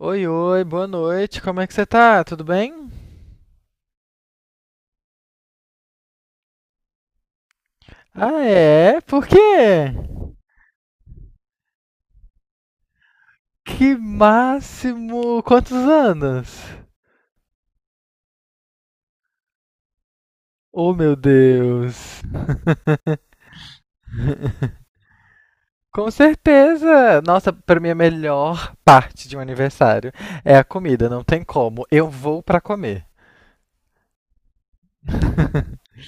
Oi, oi, boa noite. Como é que você tá? Tudo bem? Ah, é? Por quê? Que máximo! Quantos anos? Oh, meu Deus. Com certeza! Nossa, pra mim a melhor parte de um aniversário é a comida, não tem como. Eu vou pra comer.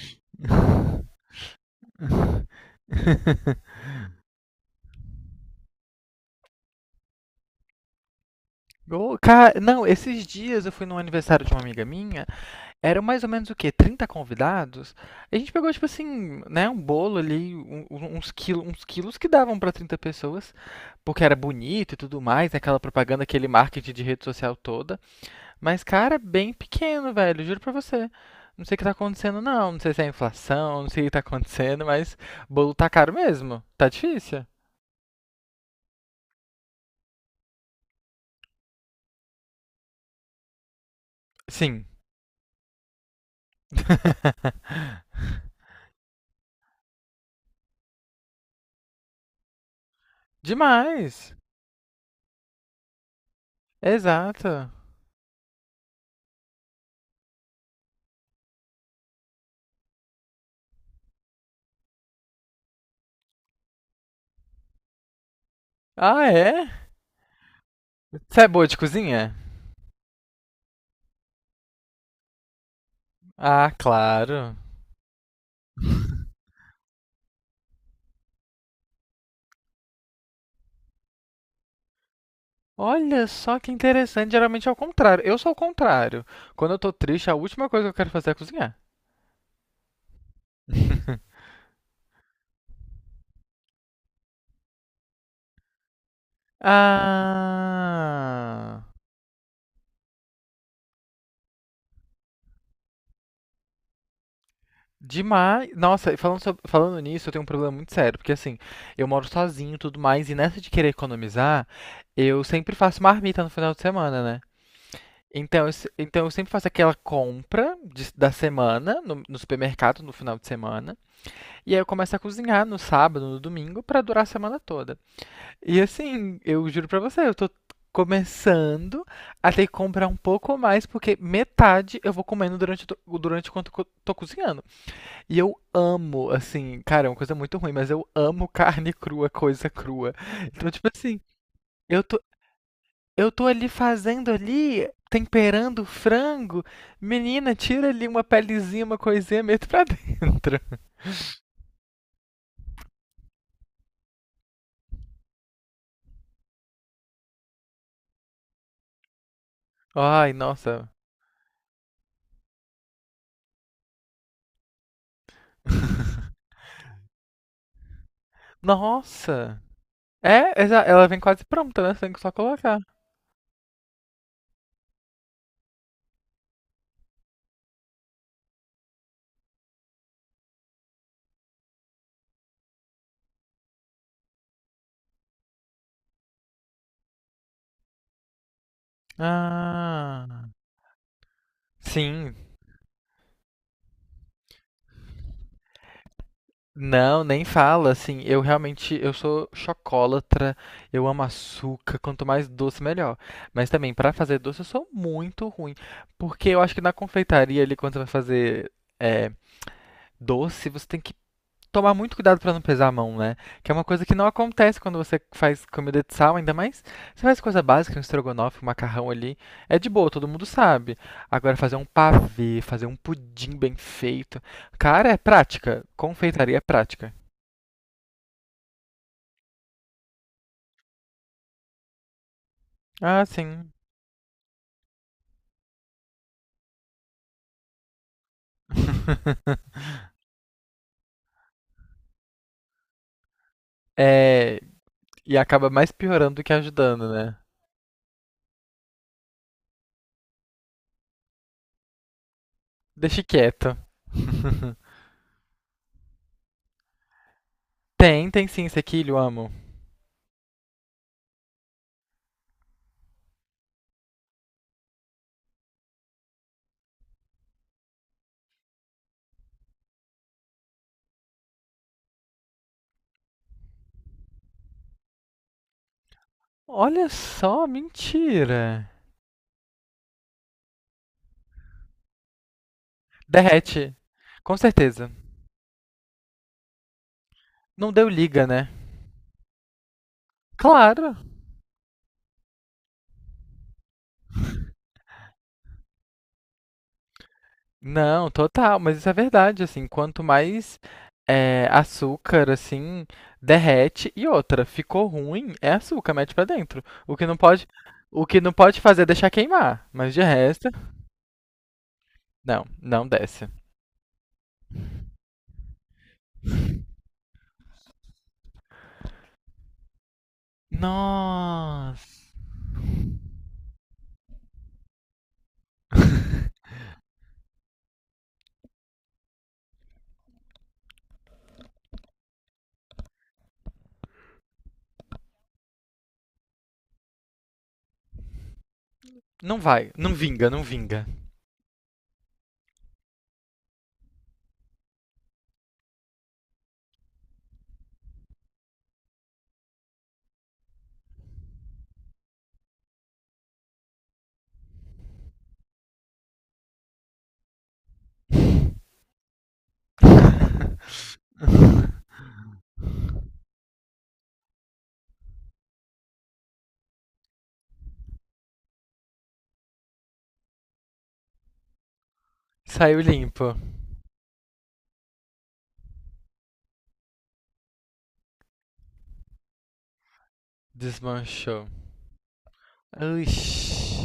Ô, cara, não, esses dias eu fui num aniversário de uma amiga minha. Eram mais ou menos o quê? 30 convidados? A gente pegou, tipo assim, né, um bolo ali, uns quilos que davam para 30 pessoas, porque era bonito e tudo mais, né, aquela propaganda, aquele marketing de rede social toda. Mas, cara, bem pequeno, velho, juro pra você. Não sei o que tá acontecendo, não. Não sei se é inflação, não sei o que tá acontecendo, mas bolo tá caro mesmo. Tá difícil. Sim. Demais. Exato. Ah, é? Você é boa de cozinha? Ah, claro. Olha só que interessante. Geralmente é o contrário. Eu sou o contrário. Quando eu tô triste, a última coisa que eu quero fazer é cozinhar. Ah, demais. Nossa, e falando, falando nisso, eu tenho um problema muito sério, porque assim, eu moro sozinho e tudo mais, e nessa de querer economizar, eu sempre faço marmita no final de semana, né? Então, eu, se- então eu sempre faço aquela da semana no supermercado no final de semana, e aí eu começo a cozinhar no sábado, no domingo, pra durar a semana toda. E assim, eu juro pra você, eu tô começando a ter que comprar um pouco mais, porque metade eu vou comendo durante quanto eu tô cozinhando. E eu amo, assim, cara, é uma coisa muito ruim, mas eu amo carne crua, coisa crua. Então, tipo assim, eu tô, eu tô ali fazendo ali, temperando o frango. Menina, tira ali uma pelezinha, uma coisinha, meto pra dentro. Ai, nossa. Nossa. É, ela vem quase pronta, né? Você tem que só colocar. Ah, sim. Não, nem fala, assim, eu realmente, eu sou chocólatra, eu amo açúcar, quanto mais doce, melhor. Mas também, pra fazer doce, eu sou muito ruim, porque eu acho que na confeitaria ali, quando você vai fazer é, doce, você tem que tomar muito cuidado pra não pesar a mão, né? Que é uma coisa que não acontece quando você faz comida de sal, ainda mais você faz coisa básica, um estrogonofe, um macarrão ali, é de boa, todo mundo sabe. Agora fazer um pavê, fazer um pudim bem feito, cara, é prática. Confeitaria é prática. Ah, sim. É, e acaba mais piorando do que ajudando, né? Deixa quieto. Tem, tem sim, sequilho, amo. Olha só, mentira. Derrete, com certeza. Não deu liga, né? Claro. Não, total, mas isso é verdade, assim, quanto mais é, açúcar, assim, derrete e outra, ficou ruim, é açúcar, mete pra dentro. O que não pode, o que não pode fazer é deixar queimar, mas de resto, não, não desce. Nossa, não vai, não vinga, não vinga. Saiu limpo, desmanchou. Ixi.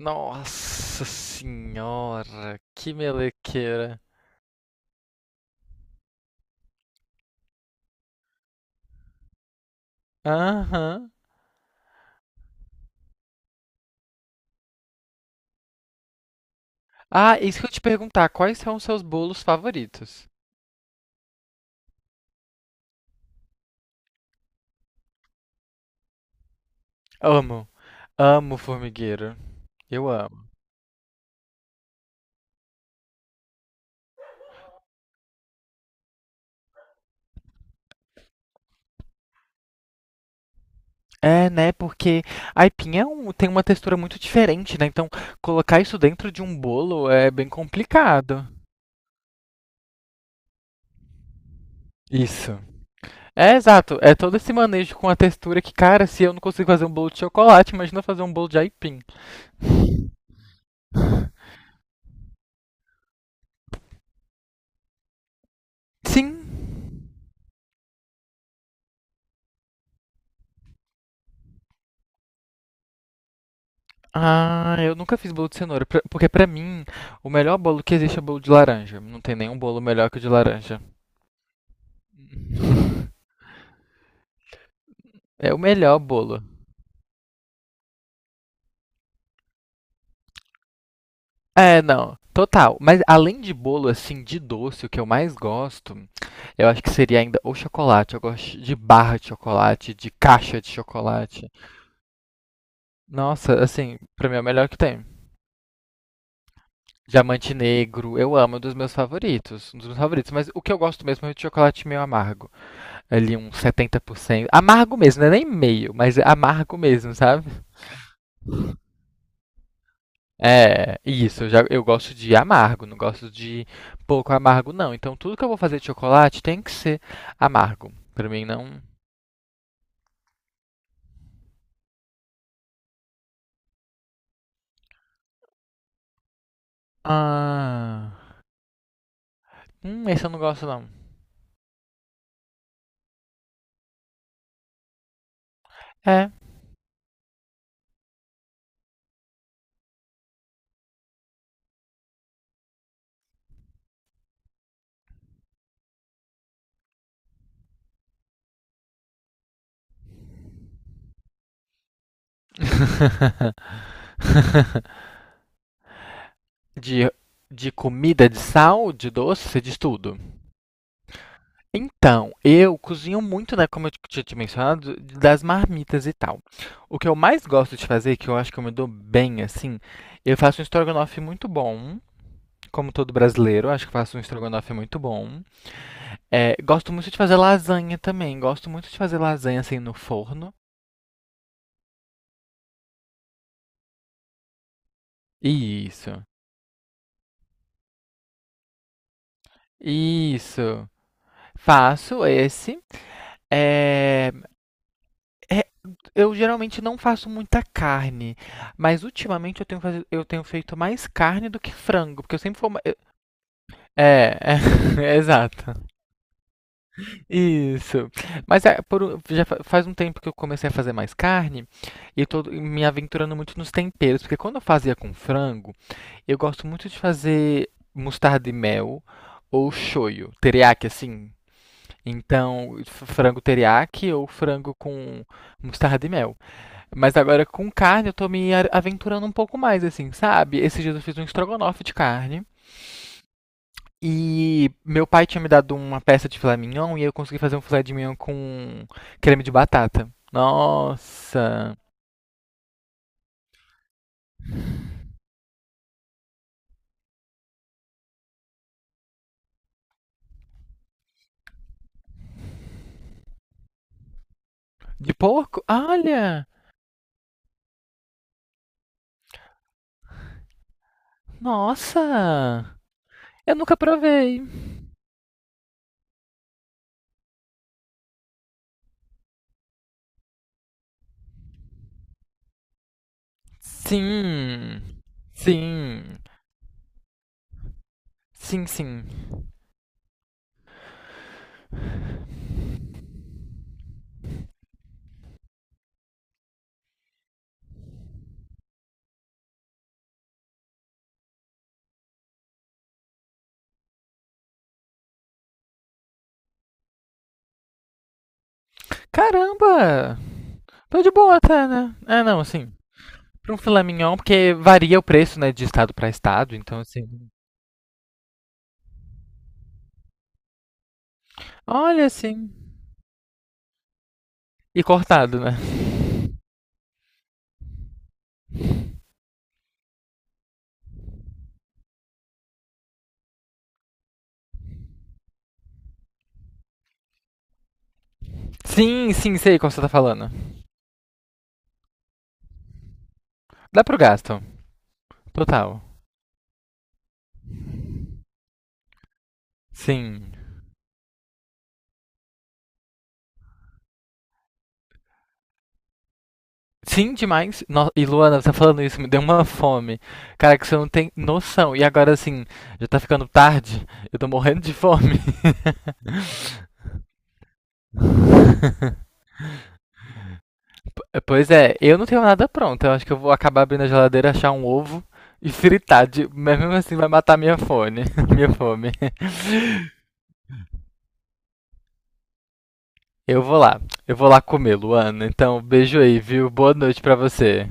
Nossa senhora, que melequeira. Aham. Ah, isso que eu ia te perguntar, quais são os seus bolos favoritos? Amo, amo formigueiro. Eu amo. É, né? Porque aipim é um, tem uma textura muito diferente, né? Então, colocar isso dentro de um bolo é bem complicado. Isso. É, exato. É todo esse manejo com a textura que, cara, se eu não consigo fazer um bolo de chocolate, imagina fazer um bolo de aipim. Sim. Ah, eu nunca fiz bolo de cenoura, porque pra mim o melhor bolo que existe é bolo de laranja. Não tem nenhum bolo melhor que o de laranja. É o melhor bolo. É, não, total. Mas além de bolo assim de doce, o que eu mais gosto, eu acho que seria ainda o chocolate. Eu gosto de barra de chocolate, de caixa de chocolate. Nossa, assim, pra mim é o melhor que tem. Diamante negro, eu amo, é um dos meus favoritos, um dos meus favoritos, mas o que eu gosto mesmo é o de chocolate meio amargo. Ali uns 70% amargo mesmo, não é nem meio, mas é amargo mesmo, sabe? É, isso, eu, já, eu gosto de amargo, não gosto de pouco amargo, não. Então tudo que eu vou fazer de chocolate tem que ser amargo. Pra mim não. Ah. Esse eu não gosto, não. É. de, de comida, de sal, de doce, você diz tudo. Então, eu cozinho muito, né, como eu tinha te mencionado, das marmitas e tal. O que eu mais gosto de fazer, que eu acho que eu me dou bem, assim, eu faço um estrogonofe muito bom, como todo brasileiro, acho que faço um estrogonofe muito bom. É, gosto muito de fazer lasanha também, gosto muito de fazer lasanha, assim, no forno. Isso, isso. Faço esse. É, é Eu geralmente não faço muita carne, mas ultimamente eu tenho, eu tenho feito mais carne do que frango, porque eu sempre fui. É, é, é exato. Isso. Mas é, já faz um tempo que eu comecei a fazer mais carne e eu tô me aventurando muito nos temperos, porque quando eu fazia com frango, eu gosto muito de fazer mostarda e mel ou shoyu, teriyaki assim. Então, frango teriyaki ou frango com mostarda e mel. Mas agora com carne eu tô me aventurando um pouco mais, assim, sabe? Esses dias eu fiz um estrogonofe de carne. E meu pai tinha me dado uma peça de filé mignon e eu consegui fazer um filé de mignon com creme de batata. Nossa! De porco? Olha! Nossa! Eu nunca provei. Sim. Sim. Sim, sim. Caramba! Tô de boa até, né? É, não, assim. Para um filé mignon, porque varia o preço, né, de estado para estado, então assim. Olha assim. E cortado, né? Sim, sim, sei qual você tá falando. Dá pro gasto. Total. Sim. Sim, demais. E Luana, você tá falando isso, me deu uma fome. Cara, que você não tem noção. E agora, assim, já tá ficando tarde. Eu tô morrendo de fome. Pois é, eu não tenho nada pronto. Eu acho que eu vou acabar abrindo a geladeira, achar um ovo e fritar. De... Mas mesmo assim vai matar minha fome. Minha fome. Eu vou lá. Eu vou lá comer, Luana. Então, beijo aí, viu? Boa noite pra você.